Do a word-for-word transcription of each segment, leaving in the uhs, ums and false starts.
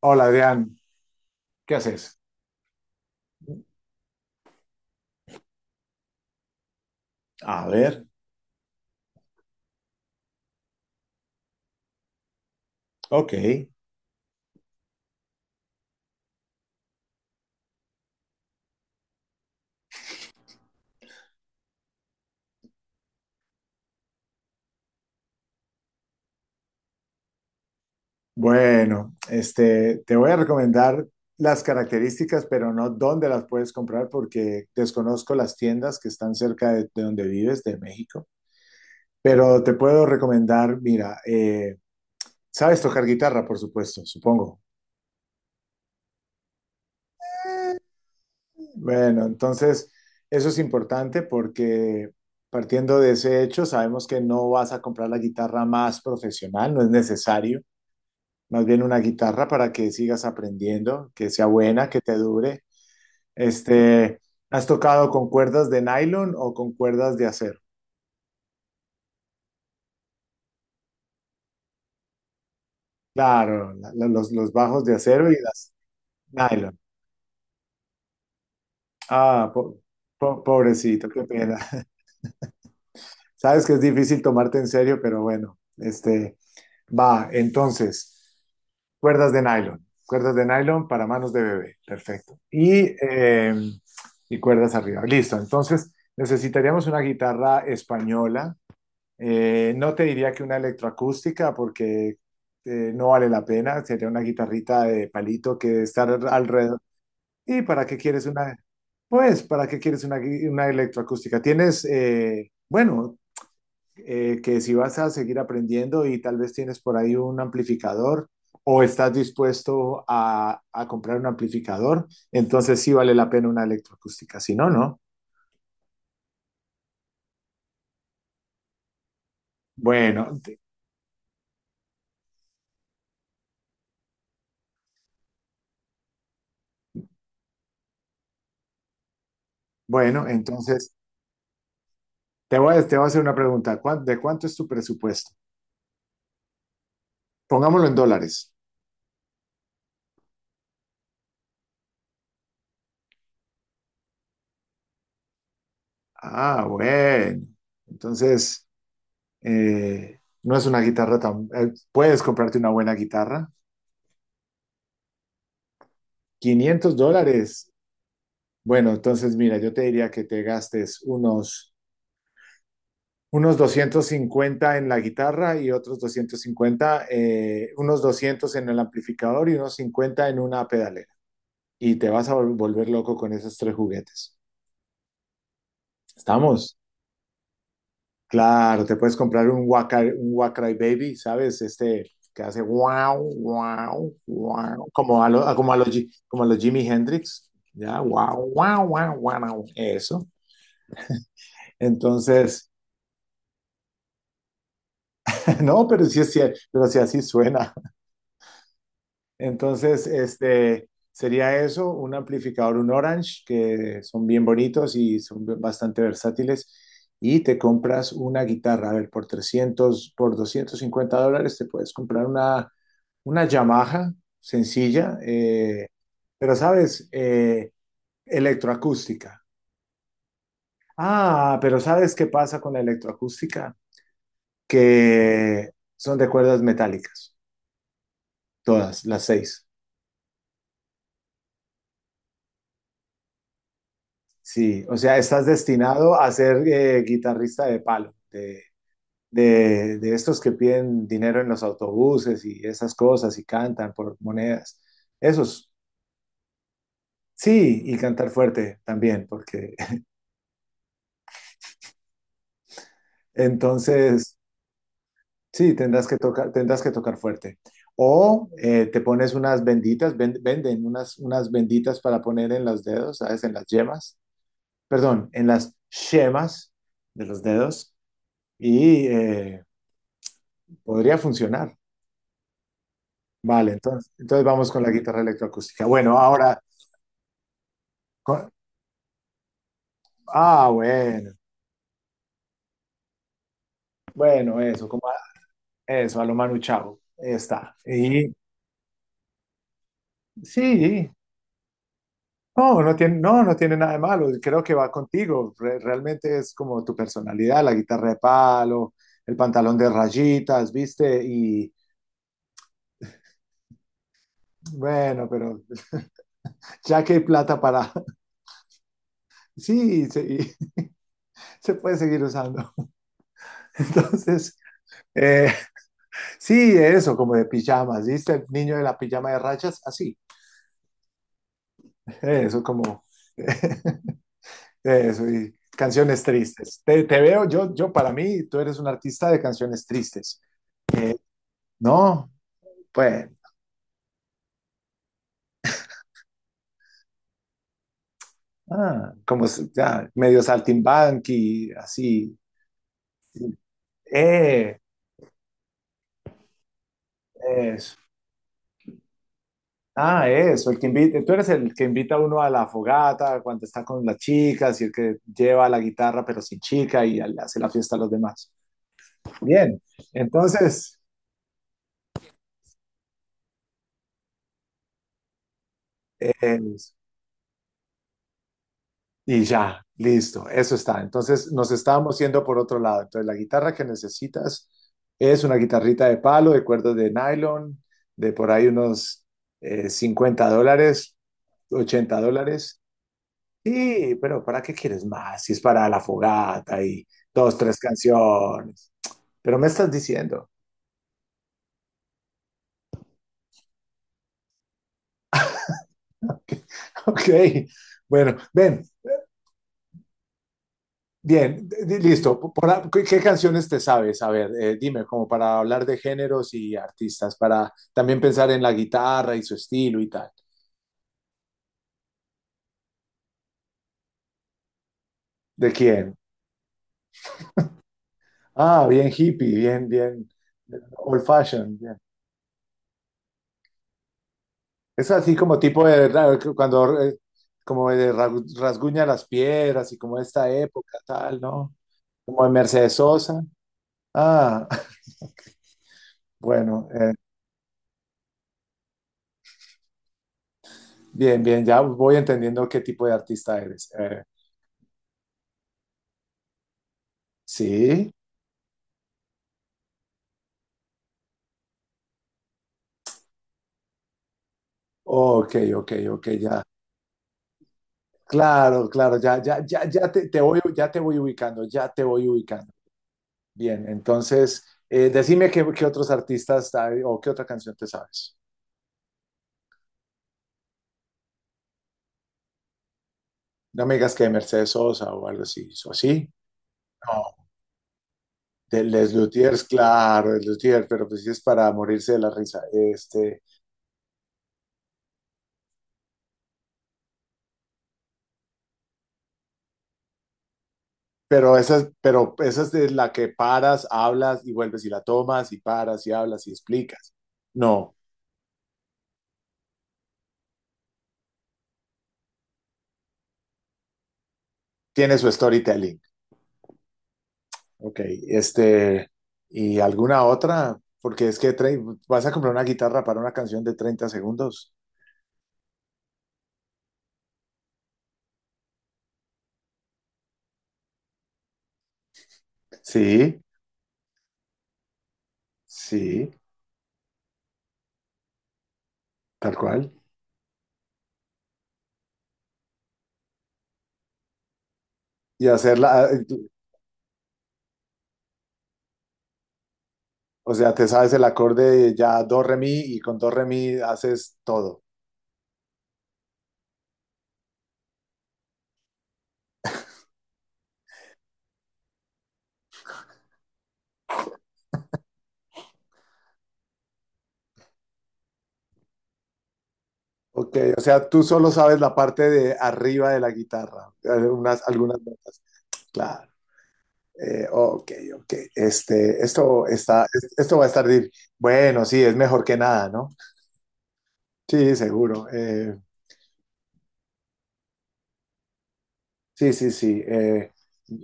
Hola Adrián, ¿qué haces? A ver, ok. Bueno, este, te voy a recomendar las características, pero no dónde las puedes comprar porque desconozco las tiendas que están cerca de, de donde vives, de México. Pero te puedo recomendar, mira, eh, sabes tocar guitarra, por supuesto, supongo. Bueno, entonces eso es importante porque partiendo de ese hecho, sabemos que no vas a comprar la guitarra más profesional, no es necesario. Más bien una guitarra para que sigas aprendiendo, que sea buena, que te dure. Este, ¿has tocado con cuerdas de nylon o con cuerdas de acero? Claro, la- la- los, los bajos de acero y las nylon. Ah, po- po- pobrecito, qué pena. Sabes que es difícil tomarte en serio, pero bueno, este, va, entonces, cuerdas de nylon, cuerdas de nylon para manos de bebé, perfecto. Y, eh, y cuerdas arriba, listo. Entonces, necesitaríamos una guitarra española. Eh, no te diría que una electroacústica porque eh, no vale la pena, sería una guitarrita de palito que debe estar alrededor. ¿Y para qué quieres una? Pues, ¿para qué quieres una, gui- una electroacústica? Tienes, eh, bueno, eh, que si vas a seguir aprendiendo y tal vez tienes por ahí un amplificador o estás dispuesto a, a comprar un amplificador, entonces sí vale la pena una electroacústica, si no, no. Bueno, te- bueno, entonces te voy a, te voy a hacer una pregunta. ¿Cuán- De cuánto es tu presupuesto? Pongámoslo en dólares. Ah, bueno. Entonces, eh, no es una guitarra tan eh, puedes comprarte una buena guitarra. Quinientos dólares. Bueno, entonces mira, yo te diría que te gastes unos Unos doscientos cincuenta en la guitarra y otros doscientos cincuenta, eh, unos doscientos en el amplificador y unos cincuenta en una pedalera. Y te vas a vol- volver loco con esos tres juguetes. ¿Estamos? Claro, te puedes comprar un Wacry, un Wacry Baby, ¿sabes? Este que hace wow, wow, wow, como a, lo- a- como a los, Ji- como a los Jimi Hendrix. Ya, wow, wow, wow, wow, eso. Entonces, no, pero sí es cier- pero sí así suena. Entonces, este sería eso, un amplificador, un Orange, que son bien bonitos y son bastante versátiles. Y te compras una guitarra, a ver, por trescientos, por doscientos cincuenta dólares te puedes comprar una, una Yamaha sencilla, eh, pero sabes, eh, electroacústica. Ah, pero ¿sabes qué pasa con la electroacústica? Que son de cuerdas metálicas, todas, las seis. Sí, o sea, estás destinado a ser eh, guitarrista de palo, de, de, de estos que piden dinero en los autobuses y esas cosas y cantan por monedas. Esos, sí, y cantar fuerte también, porque entonces, sí, tendrás que tocar, tendrás que tocar fuerte. O eh, te pones unas benditas, ven- venden unas, unas benditas para poner en los dedos, ¿sabes? En las yemas, perdón, en las yemas de los dedos y eh, podría funcionar. Vale, entonces, entonces vamos con la guitarra electroacústica. Bueno, ahora, con- ah, bueno, bueno, eso, como a- eso, a lo Manu Chao, está. Y sí, no, no tiene, no, no tiene nada de malo, creo que va contigo, Re- realmente es como tu personalidad, la guitarra de palo, el pantalón de rayitas, ¿viste? Y bueno, pero ya que hay plata para, sí, se, y se puede seguir usando. Entonces, eh, sí, eso, como de pijamas, ¿viste? El niño de la pijama de rayas, así. Eso, como. Eso, y canciones tristes. Te, te veo, yo, yo para mí, tú eres un artista de canciones tristes, ¿no? Pues, ah, como se- ya, medio saltimbanqui, así. Eh, eso. Ah, eso, el que invita, tú eres el que invita a uno a la fogata cuando está con las chicas y el que lleva la guitarra pero sin chica y le hace la fiesta a los demás. Bien, entonces. Es- y ya, listo, eso está. Entonces nos estábamos yendo por otro lado. Entonces la guitarra que necesitas es una guitarrita de palo, de cuerdas de nylon, de por ahí unos eh, cincuenta dólares, ochenta dólares. Sí, pero ¿para qué quieres más? Si es para la fogata y dos, tres canciones. Pero me estás diciendo. Ok, bueno, ven, bien, d- listo. Por- ¿qué, qué canciones te sabes? A ver, eh, dime, como para hablar de géneros y artistas, para también pensar en la guitarra y su estilo y tal. ¿De quién? Ah, bien hippie, bien, bien, old fashion, bien. Es así como tipo de, ra- cuando, eh, como de ra- rasguña las piedras y como esta época, tal, ¿no? Como de Mercedes Sosa. Ah, bueno, eh, bien, bien, ya voy entendiendo qué tipo de artista eres. Eh, sí. Ok, ok, ok, ya. Claro, claro, ya, ya, ya, ya te, te voy, ya te voy ubicando, ya te voy ubicando. Bien, entonces, eh, decime qué, qué, otros artistas hay o qué... otra canción te sabes. No me digas que de Mercedes Sosa o algo así, ¿o sí? No, de Les Luthiers, claro, Les Luthiers, pero pues sí es para morirse de la risa. Este, pero esa, pero esa es de la que paras, hablas y vuelves y la tomas y paras y hablas y explicas. No, tiene su storytelling. Ok, este, ¿y alguna otra? Porque es que tre- vas a comprar una guitarra para una canción de treinta segundos. Sí, sí, tal cual. Y hacerla, eh, o sea, te sabes el acorde ya do, re, mi, y con do, re, mi haces todo. Ok, o sea, tú solo sabes la parte de arriba de la guitarra, eh, unas, algunas notas. Claro. Eh, ok, ok. Este, esto está, esto va a estar, dif- bueno, sí, es mejor que nada, ¿no? Sí, seguro. Eh, Sí, sí, sí. eh,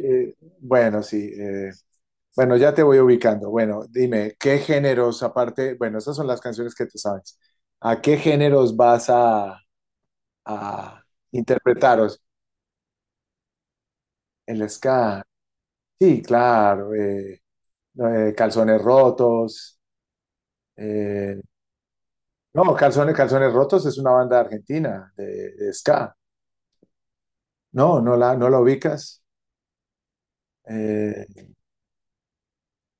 eh, bueno, sí. eh, bueno, ya te voy ubicando. Bueno, dime, ¿qué géneros, aparte, bueno, esas son las canciones que tú sabes. ¿A qué géneros vas a, a interpretaros? El ska. Sí, claro. eh, no, eh, calzones rotos. Eh, no, calzones, calzones rotos es una banda argentina de, de ska. No, no la, no la ubicas. Eh,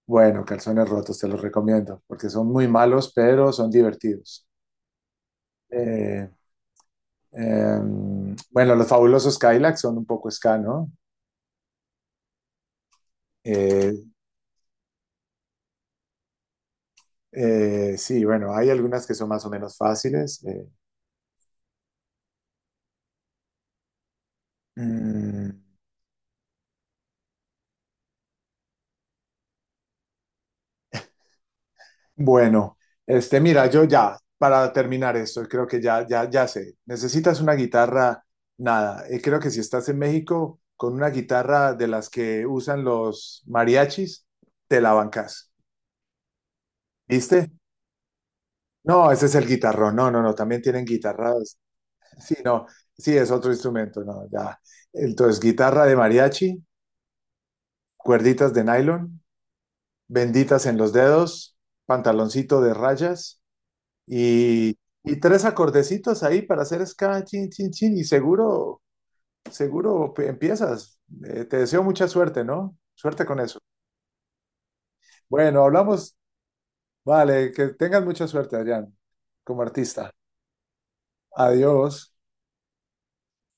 bueno, calzones rotos, te los recomiendo, porque son muy malos, pero son divertidos. Eh, eh, bueno, los fabulosos Cadillacs son un poco ska, ¿no? Eh, eh, sí, bueno, hay algunas que son más o menos fáciles. Eh. Mm, bueno, este, mira, yo ya, para terminar esto, creo que ya, ya, ya sé. Necesitas una guitarra, nada. Eh, creo que si estás en México con una guitarra de las que usan los mariachis, te la bancas. ¿Viste? No, ese es el guitarrón. No, no, no, también tienen guitarras Sí, no, sí, es otro instrumento, no, ya. Entonces, guitarra de mariachi, cuerditas de nylon, benditas en los dedos, pantaloncito de rayas y, y tres acordecitos ahí para hacer ska, chin, chin, chin, y seguro, seguro empiezas. Eh, te deseo mucha suerte, ¿no? Suerte con eso. Bueno, hablamos. Vale, que tengas mucha suerte, Adrián, como artista. Adiós.